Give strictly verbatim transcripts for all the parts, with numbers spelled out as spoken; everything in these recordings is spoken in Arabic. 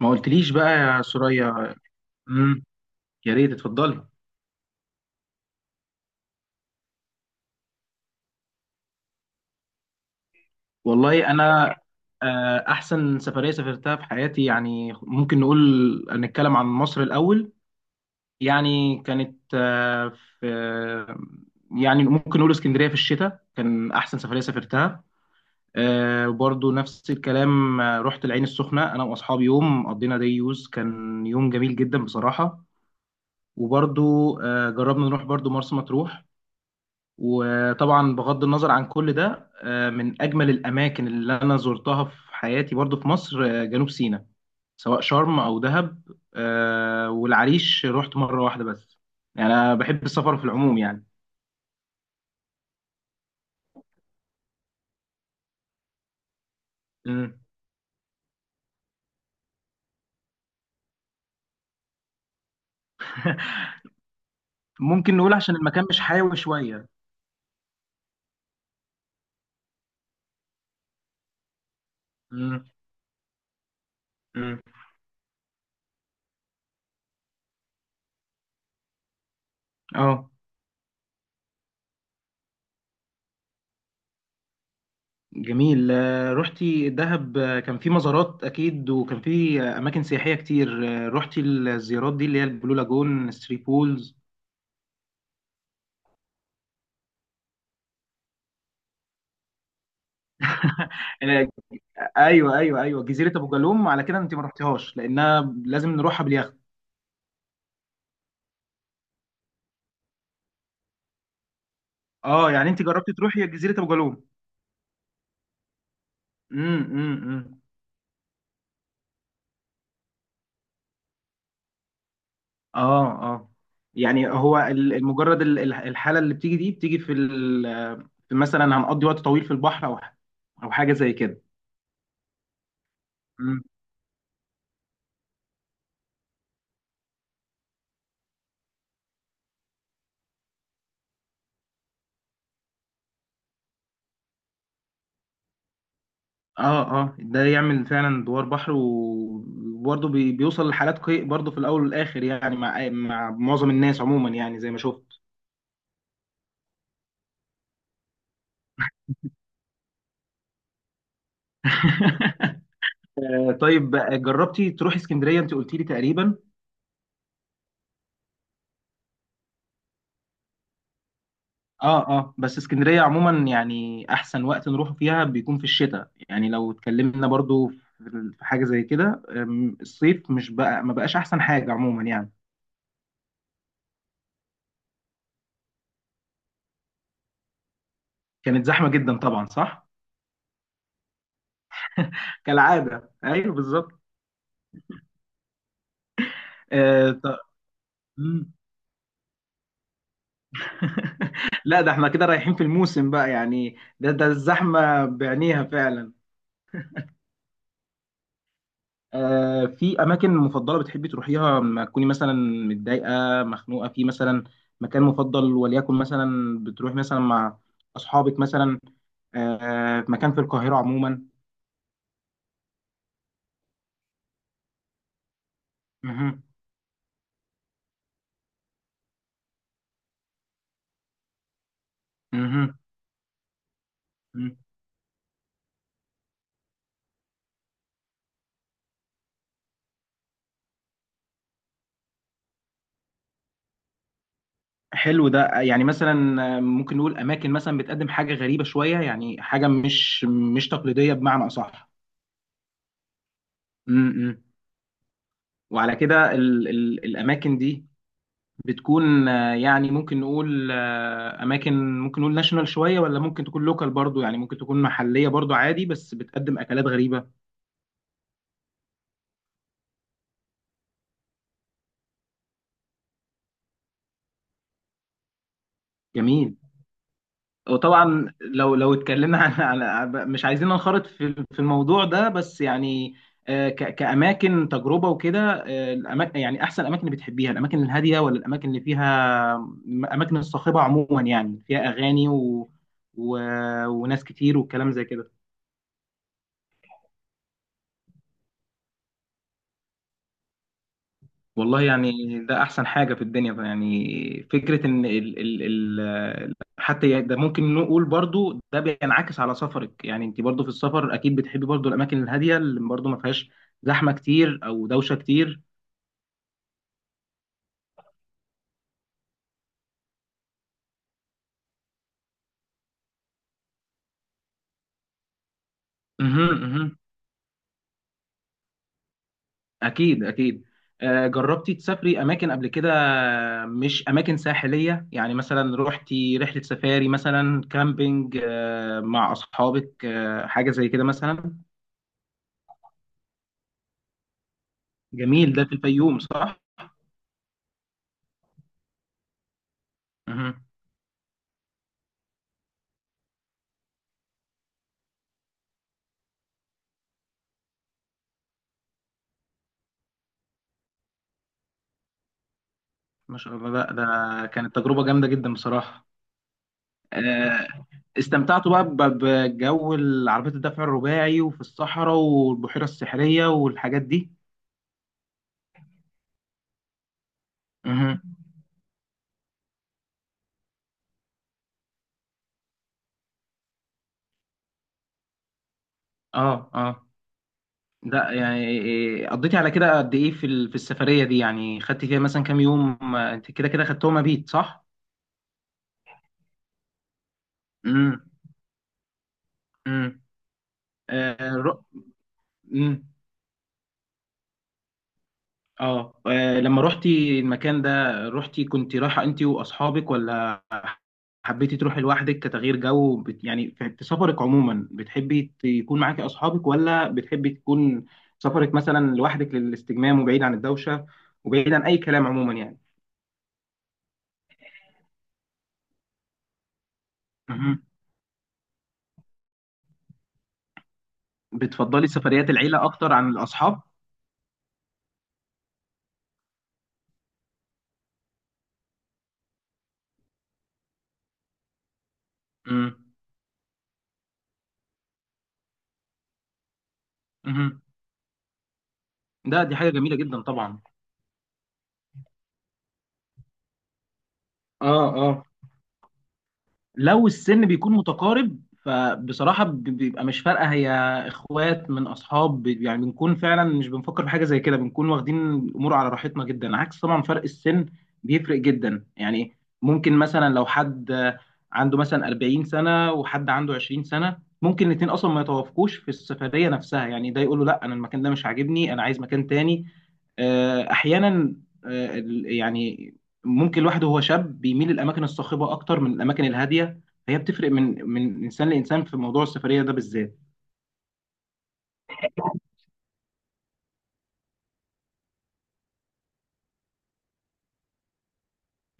ما قلتليش بقى يا سوريا. امم يا ريت اتفضلي. والله انا، آه، احسن سفريه سافرتها في حياتي يعني ممكن نقول. نتكلم عن مصر الاول. يعني كانت، آه، في يعني ممكن نقول اسكندريه في الشتاء كان احسن سفريه سافرتها. آه، وبرضه نفس الكلام. آه، رحت العين السخنه انا واصحابي. يوم قضينا دي يوز كان يوم جميل جدا بصراحه. وبرضه آه، جربنا نروح برضه مرسى مطروح. وطبعا بغض النظر عن كل ده، آه، من اجمل الاماكن اللي انا زرتها في حياتي برضو في مصر، آه، جنوب سيناء، سواء شرم او دهب. آه، والعريش رحت مره واحده بس. يعني انا بحب السفر في العموم يعني. مم. ممكن نقول عشان المكان مش حيوي شويه. مم. مم. اه جميل. آه، رحتي دهب. آه، كان في مزارات اكيد، وكان في، آه، اماكن سياحيه كتير. آه، رحتي الزيارات دي اللي هي البلو لاجون ثري بولز؟ ايوه ايوه ايوه، جزيره ابو جالوم، على كده انت ما رحتيهاش لانها لازم نروحها باليخت. اه يعني انت جربتي تروحي جزيره ابو جالوم؟ امم امم إمم. اه اه. يعني هو ال- مجرد ال- ال- الحاله اللي بتيجي دي بتيجي في ال- في مثلا هنقضي وقت طويل في البحر، او ح- او حاجه زي كده. مم. اه اه، ده يعمل فعلا دوار بحر، و- وبرضه بي- بيوصل لحالات قيء برضه في الاول والاخر يعني مع مع معظم الناس عموما يعني زي ما شفت. طيب، جربتي تروحي اسكندريه؟ انت قلتي لي تقريبا. اه اه. بس اسكندريه عموما يعني احسن وقت نروح فيها بيكون في الشتاء يعني. لو اتكلمنا برضو في في حاجه زي كده، أم، الصيف مش بقى، ما بقاش احسن حاجه عموما يعني. كانت زحمه جدا طبعا، صح؟ كالعاده، ايوه بالظبط. آه ط- مم. لا ده احنا كده رايحين في الموسم بقى يعني. ده ده الزحمه بعينيها فعلا. آه، في اماكن مفضله بتحبي تروحيها لما تكوني مثلا متضايقه، مخنوقه في مثلا، مكان مفضل وليكن مثلا بتروحي مثلا مع اصحابك مثلا، آه، في مكان في القاهره عموما؟ مهم. مهم. مهم. حلو. ده يعني مثلا، آه، ممكن نقول اماكن مثلا بتقدم حاجه غريبه شويه، يعني حاجه مش مش تقليديه بمعنى اصح. م- م. وعلى كده ال ال الاماكن دي بتكون، آه، يعني ممكن نقول، آه، اماكن ممكن نقول ناشونال شويه، ولا ممكن تكون لوكال برضو؟ يعني ممكن تكون محليه برضو عادي بس بتقدم اكلات غريبه. جميل. وطبعا لو لو اتكلمنا عن عن- مش عايزين ننخرط في في الموضوع ده بس يعني، آه، ك- كاماكن تجربه وكده. الاماكن يعني احسن اماكن بتحبيها، الاماكن الهاديه، ولا الاماكن اللي فيها، الاماكن الصاخبه عموما يعني فيها اغاني و... و... وناس كتير والكلام زي كده؟ والله يعني ده احسن حاجه في الدنيا بقى يعني. فكره ان ال ال ال حتى يعني، ده ممكن نقول برضو ده بينعكس على سفرك. يعني انت برضو في السفر اكيد بتحبي برضو الاماكن الهاديه اللي برضو ما فيهاش زحمه كتير او دوشه كتير. اها اها. اكيد اكيد. آه، جربتي تسافري اماكن قبل كده، مش اماكن ساحليه؟ يعني مثلا روحتي رحله سفاري، مثلا كامبينج، آه، مع اصحابك، آه، حاجه زي كده مثلا. جميل، ده في الفيوم صح؟ اها. ما شاء الله، لا ده كانت تجربة جامدة جدا بصراحة. آه، استمتعت بقى ب- بجو العربيات الدفع الرباعي، وفي الصحراء والبحيرة السحرية والحاجات دي؟ مهم. اه اه. لا يعني، إيه، قضيتي على كده قد ايه في ال- في السفرية دي؟ يعني خدتي فيها مثلا كام يوم، ما انت كده كده خدتهم مبيت، صح؟ امم امم. آه رو... مم. آه. اه لما روحتي المكان ده، روحتي كنت رايحة انت واصحابك، ولا حبيتي تروحي لوحدك كتغيير جو؟ بت... يعني في في سفرك عموما بتحبي يكون معاكي اصحابك، ولا بتحبي تكون سفرك مثلا لوحدك للاستجمام، وبعيد عن الدوشه، وبعيد عن اي كلام عموما يعني؟ مهم. بتفضلي سفريات العيله اكتر عن الاصحاب؟ امم. ده دي حاجه جميله جدا طبعا. اه اه. لو السن بيكون متقارب، فبصراحة ب- بيبقى مش فارقة. هي اخوات من اصحاب، ب- يعني بنكون فعلا مش بنفكر في حاجة زي كده، بنكون واخدين الامور على راحتنا جدا. عكس طبعا فرق السن بيفرق جدا يعني. ممكن مثلا لو حد عنده مثلا 40 سنة، وحد عنده 20 سنة، ممكن الاتنين اصلا ما يتوافقوش في السفرية نفسها. يعني ده يقول له لا انا المكان ده مش عاجبني، انا عايز مكان تاني. آه، احيانا، آه، ال- يعني ممكن الواحد وهو شاب بيميل الاماكن الصاخبه اكتر من الاماكن الهاديه. هي بتفرق من من انسان لانسان في موضوع السفريه ده بالذات.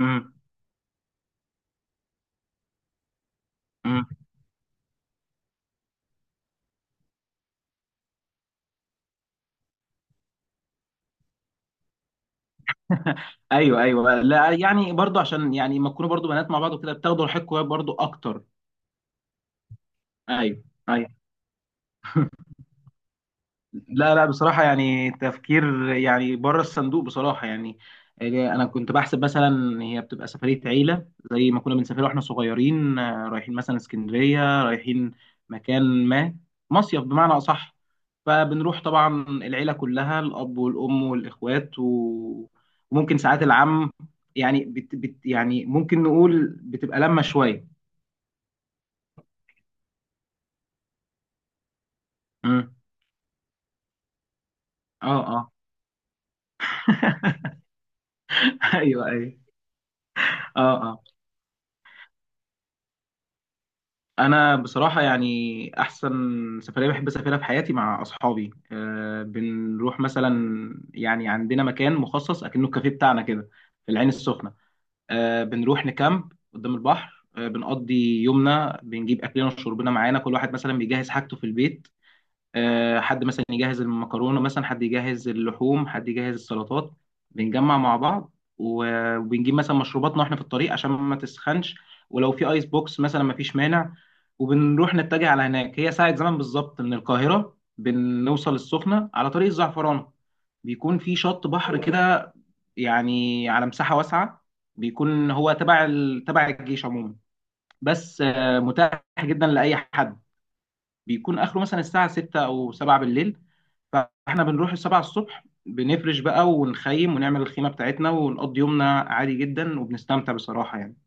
امم امم. ايوه ايوه. لا يعني برضو عشان يعني ما تكونوا برضو بنات مع بعض وكده بتاخدوا راحتكم برضو اكتر. ايوه ايوه. لا لا، بصراحة يعني تفكير يعني بره الصندوق بصراحة يعني. آه، أنا كنت بحسب مثلا هي بتبقى سفرية عيلة زي ما كنا بنسافر واحنا صغيرين، آه، رايحين مثلا اسكندرية، رايحين مكان ما، مصيف بمعنى أصح. فبنروح طبعا العيلة كلها، الأب والأم والإخوات، و... وممكن ساعات العم. يعني بت... بت... يعني ممكن نقول بتبقى لمة شوية. مم. اه اه. ايوه ايوه. اه آه. انا بصراحه يعني احسن سفريه بحب اسافرها في حياتي مع اصحابي. أه بنروح مثلا، يعني عندنا مكان مخصص اكنه الكافيه بتاعنا كده في العين السخنه. أه بنروح نكامب قدام البحر. أه بنقضي يومنا، بنجيب اكلنا وشربنا معانا. كل واحد مثلا بيجهز حاجته في البيت، آه، حد مثلا يجهز المكرونه، مثلا حد يجهز اللحوم، حد يجهز السلطات. بنجمع مع بعض، و- وبنجيب مثلا مشروباتنا واحنا في الطريق عشان ما تسخنش، ولو في ايس بوكس مثلا ما فيش مانع. وبنروح نتجه على هناك. هي ساعة زمن بالظبط من القاهرة، بنوصل السخنة على طريق الزعفرانة. بيكون في شط بحر كده، يعني على مساحة واسعة. بيكون هو تبع ال... تبع الجيش عموما، بس آه، متاح جدا لأي حد. بيكون اخره مثلا الساعه ستة او سبعة بالليل. فاحنا بنروح السبعة الصبح، بنفرش بقى ونخيم ونعمل الخيمه بتاعتنا ونقضي يومنا عادي جدا وبنستمتع بصراحه يعني.